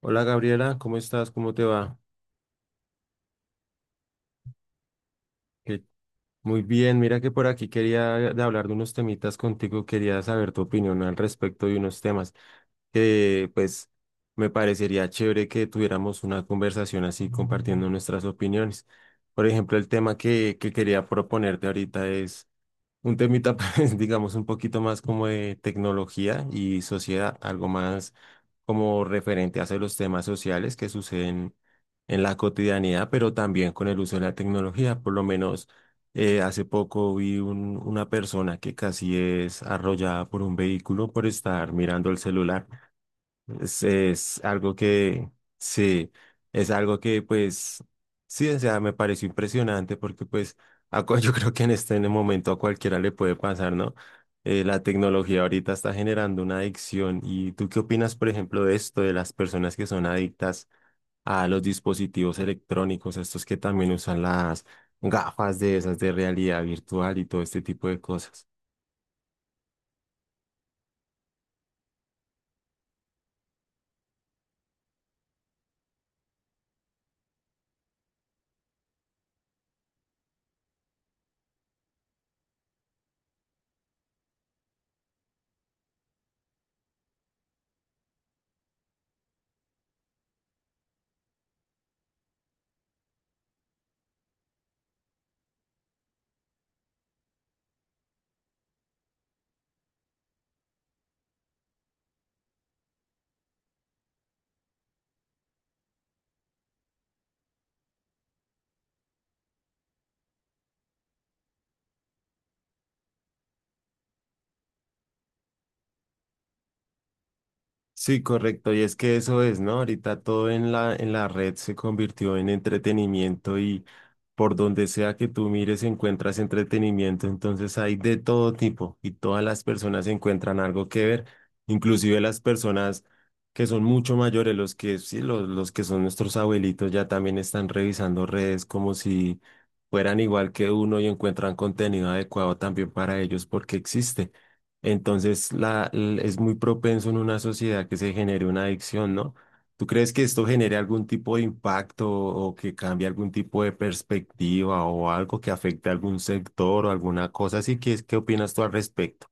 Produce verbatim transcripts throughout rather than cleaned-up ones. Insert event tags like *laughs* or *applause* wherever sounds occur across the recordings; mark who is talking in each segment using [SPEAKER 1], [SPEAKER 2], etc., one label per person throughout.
[SPEAKER 1] Hola Gabriela, ¿cómo estás? ¿Cómo te va? Que- Muy bien, mira que por aquí quería de hablar de unos temitas contigo, quería saber tu opinión al respecto de unos temas que pues me parecería chévere que tuviéramos una conversación así compartiendo nuestras opiniones. Por ejemplo, el tema que, que quería proponerte ahorita es un temita, *laughs* pues, digamos, un poquito más como de tecnología y sociedad, algo más como referente hacia los temas sociales que suceden en la cotidianidad, pero también con el uso de la tecnología. Por lo menos eh, hace poco vi un- una persona que casi es arrollada por un vehículo por estar mirando el celular. Es, es algo que, sí, es algo que pues, sí, o sea, me pareció impresionante porque pues a cua- *laughs* yo creo que en este en el momento a cualquiera le puede pasar, ¿no? Eh, la tecnología ahorita está generando una adicción. ¿Y tú qué opinas, por ejemplo, de esto, de las personas que son adictas a los dispositivos electrónicos, estos que también usan las gafas de esas de realidad virtual y todo este tipo de cosas? Sí, correcto. Y es que eso es, ¿no? Ahorita todo en la, en la red se convirtió en entretenimiento y por donde sea que tú mires encuentras entretenimiento. Entonces hay de todo tipo y todas las personas encuentran algo que ver, inclusive las personas que son mucho mayores, los que sí, los, los que son nuestros abuelitos ya también están revisando redes como si fueran igual que uno y encuentran contenido adecuado también para ellos porque existe. Entonces la, l- es muy propenso en una sociedad que se genere una adicción, ¿no? ¿Tú crees que esto genere algún tipo de impacto o que cambie algún tipo de perspectiva o algo que afecte a algún sector o alguna cosa así? ¿Qué, es- qué opinas tú al respecto?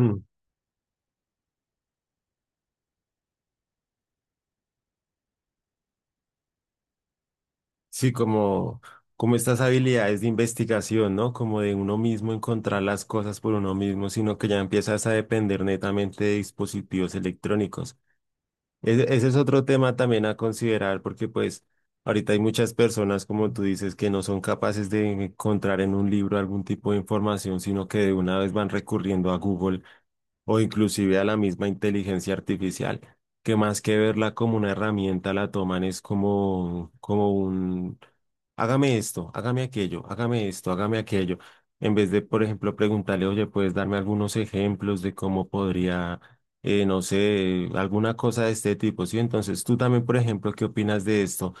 [SPEAKER 1] Mm. Sí, como, como estas habilidades de investigación, ¿no? Como de uno mismo encontrar las cosas por uno mismo, sino que ya empiezas a depender netamente de dispositivos electrónicos. Ese, ese es otro tema también a considerar porque pues ahorita hay muchas personas, como tú dices, que no son capaces de encontrar en un libro algún tipo de información, sino que de una vez van recurriendo a Google o inclusive a la misma inteligencia artificial, que más que verla como una herramienta, la toman es como, como un, hágame esto, hágame aquello, hágame esto, hágame aquello, en vez de, por ejemplo, preguntarle, oye, ¿puedes darme algunos ejemplos de cómo podría, eh, no sé, alguna cosa de este tipo? Sí, entonces tú también, por ejemplo, ¿qué opinas de esto?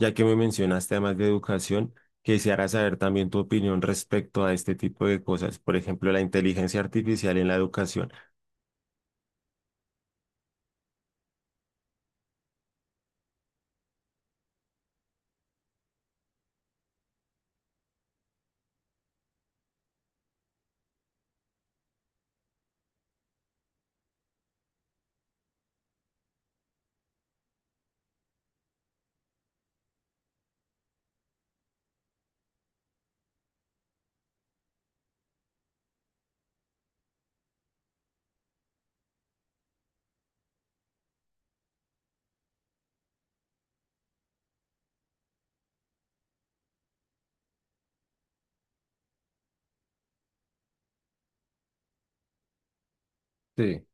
[SPEAKER 1] Ya que me mencionaste además de educación, quisiera saber también tu opinión respecto a este tipo de cosas, por ejemplo, la inteligencia artificial en la educación. Sí.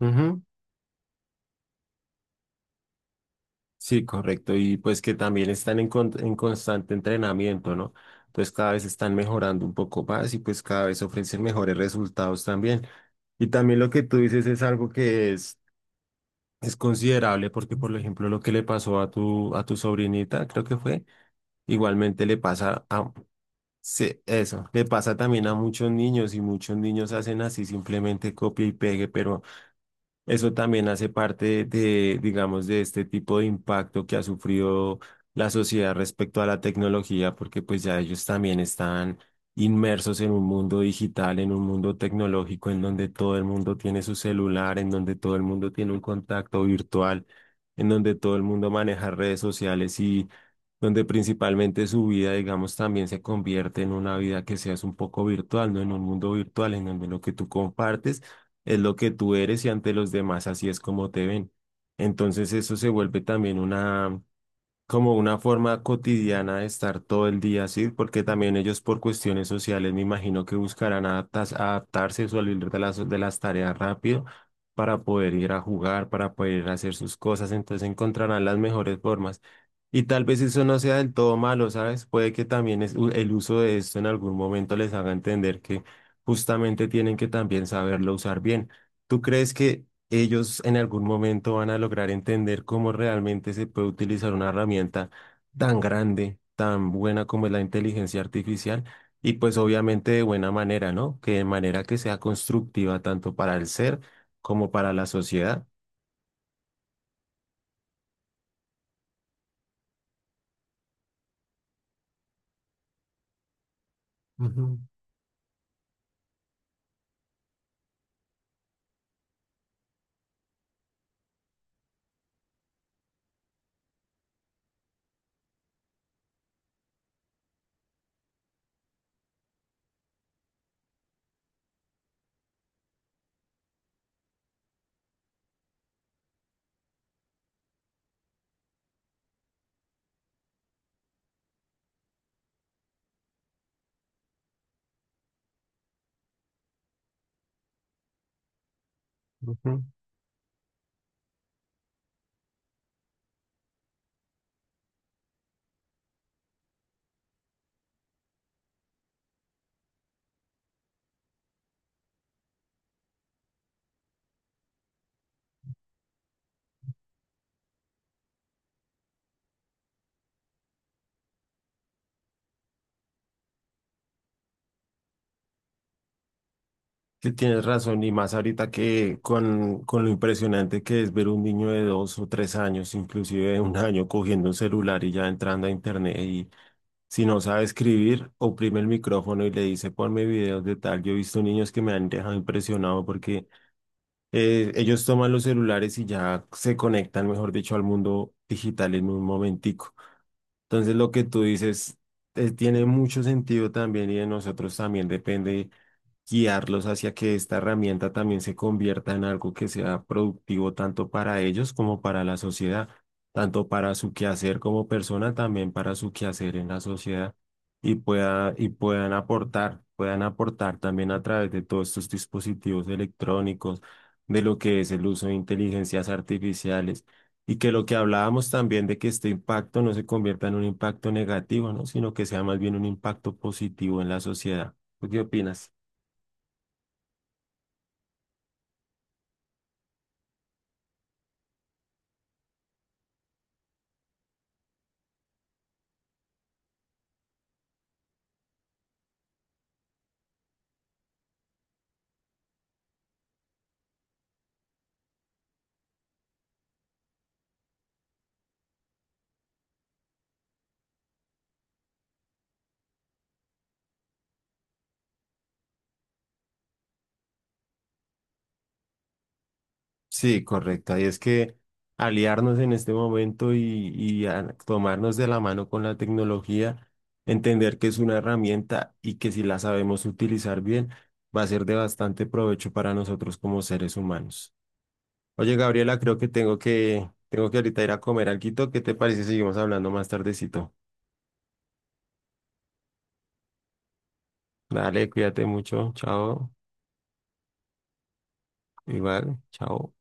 [SPEAKER 1] Ujú. Sí, correcto. Y pues que también están en, con- en constante entrenamiento, ¿no? Entonces cada vez están mejorando un poco más y pues cada vez ofrecen mejores resultados también. Y también lo que tú dices es algo que es, es considerable porque, por ejemplo, lo que le pasó a tu, a tu sobrinita, creo que fue, igualmente le pasa a... Sí, eso, le pasa también a muchos niños y muchos niños hacen así simplemente copia y pegue, pero eso también hace parte de, digamos, de este tipo de impacto que ha sufrido la sociedad respecto a la tecnología, porque pues ya ellos también están inmersos en un mundo digital, en un mundo tecnológico, en donde todo el mundo tiene su celular, en donde todo el mundo tiene un contacto virtual, en donde todo el mundo maneja redes sociales y donde principalmente su vida, digamos, también se convierte en una vida que seas un poco virtual, no en un mundo virtual, en donde lo que tú compartes es lo que tú eres y ante los demás así es como te ven. Entonces eso se vuelve también una, como una forma cotidiana de estar todo el día así, porque también ellos por cuestiones sociales me imagino que buscarán adaptas- adaptarse o salir de las, de las tareas rápido para poder ir a jugar, para poder ir a hacer sus cosas, entonces encontrarán las mejores formas. Y tal vez eso no sea del todo malo, ¿sabes? Puede que también es, u- el uso de esto en algún momento les haga entender que justamente tienen que también saberlo usar bien. ¿Tú crees que ellos en algún momento van a lograr entender cómo realmente se puede utilizar una herramienta tan grande, tan buena como es la inteligencia artificial, y pues obviamente de buena manera, ¿no? Que de manera que sea constructiva tanto para el ser como para la sociedad. Ujú, ujú. Sí, tienes razón, y más ahorita que con, con lo impresionante que es ver un niño de dos o tres años, inclusive de un año, cogiendo un celular y ya entrando a internet y si no sabe escribir, oprime el micrófono y le dice, ponme videos de tal. Yo he visto niños que me han dejado impresionado porque eh, ellos toman los celulares y ya se conectan, mejor dicho, al mundo digital en un momentico. Entonces, lo que tú dices eh, tiene mucho sentido también y de nosotros también depende guiarlos hacia que esta herramienta también se convierta en algo que sea productivo tanto para ellos como para la sociedad, tanto para su quehacer como persona, también para su quehacer en la sociedad y pueda, y puedan aportar, puedan aportar también a través de todos estos dispositivos electrónicos, de lo que es el uso de inteligencias artificiales. Y que lo que hablábamos también de que este impacto no se convierta en un impacto negativo, ¿no? Sino que sea más bien un impacto positivo en la sociedad. ¿Tú qué opinas? Sí, correcta. Y es que aliarnos en este momento y, y a- tomarnos de la mano con la tecnología, entender que es una herramienta y que si la sabemos utilizar bien, va a ser de bastante provecho para nosotros como seres humanos. Oye, Gabriela, creo que tengo que, tengo que ahorita ir a comer alguito. ¿Qué te parece si seguimos hablando más tardecito? Dale, cuídate mucho. Chao. Igual, chao.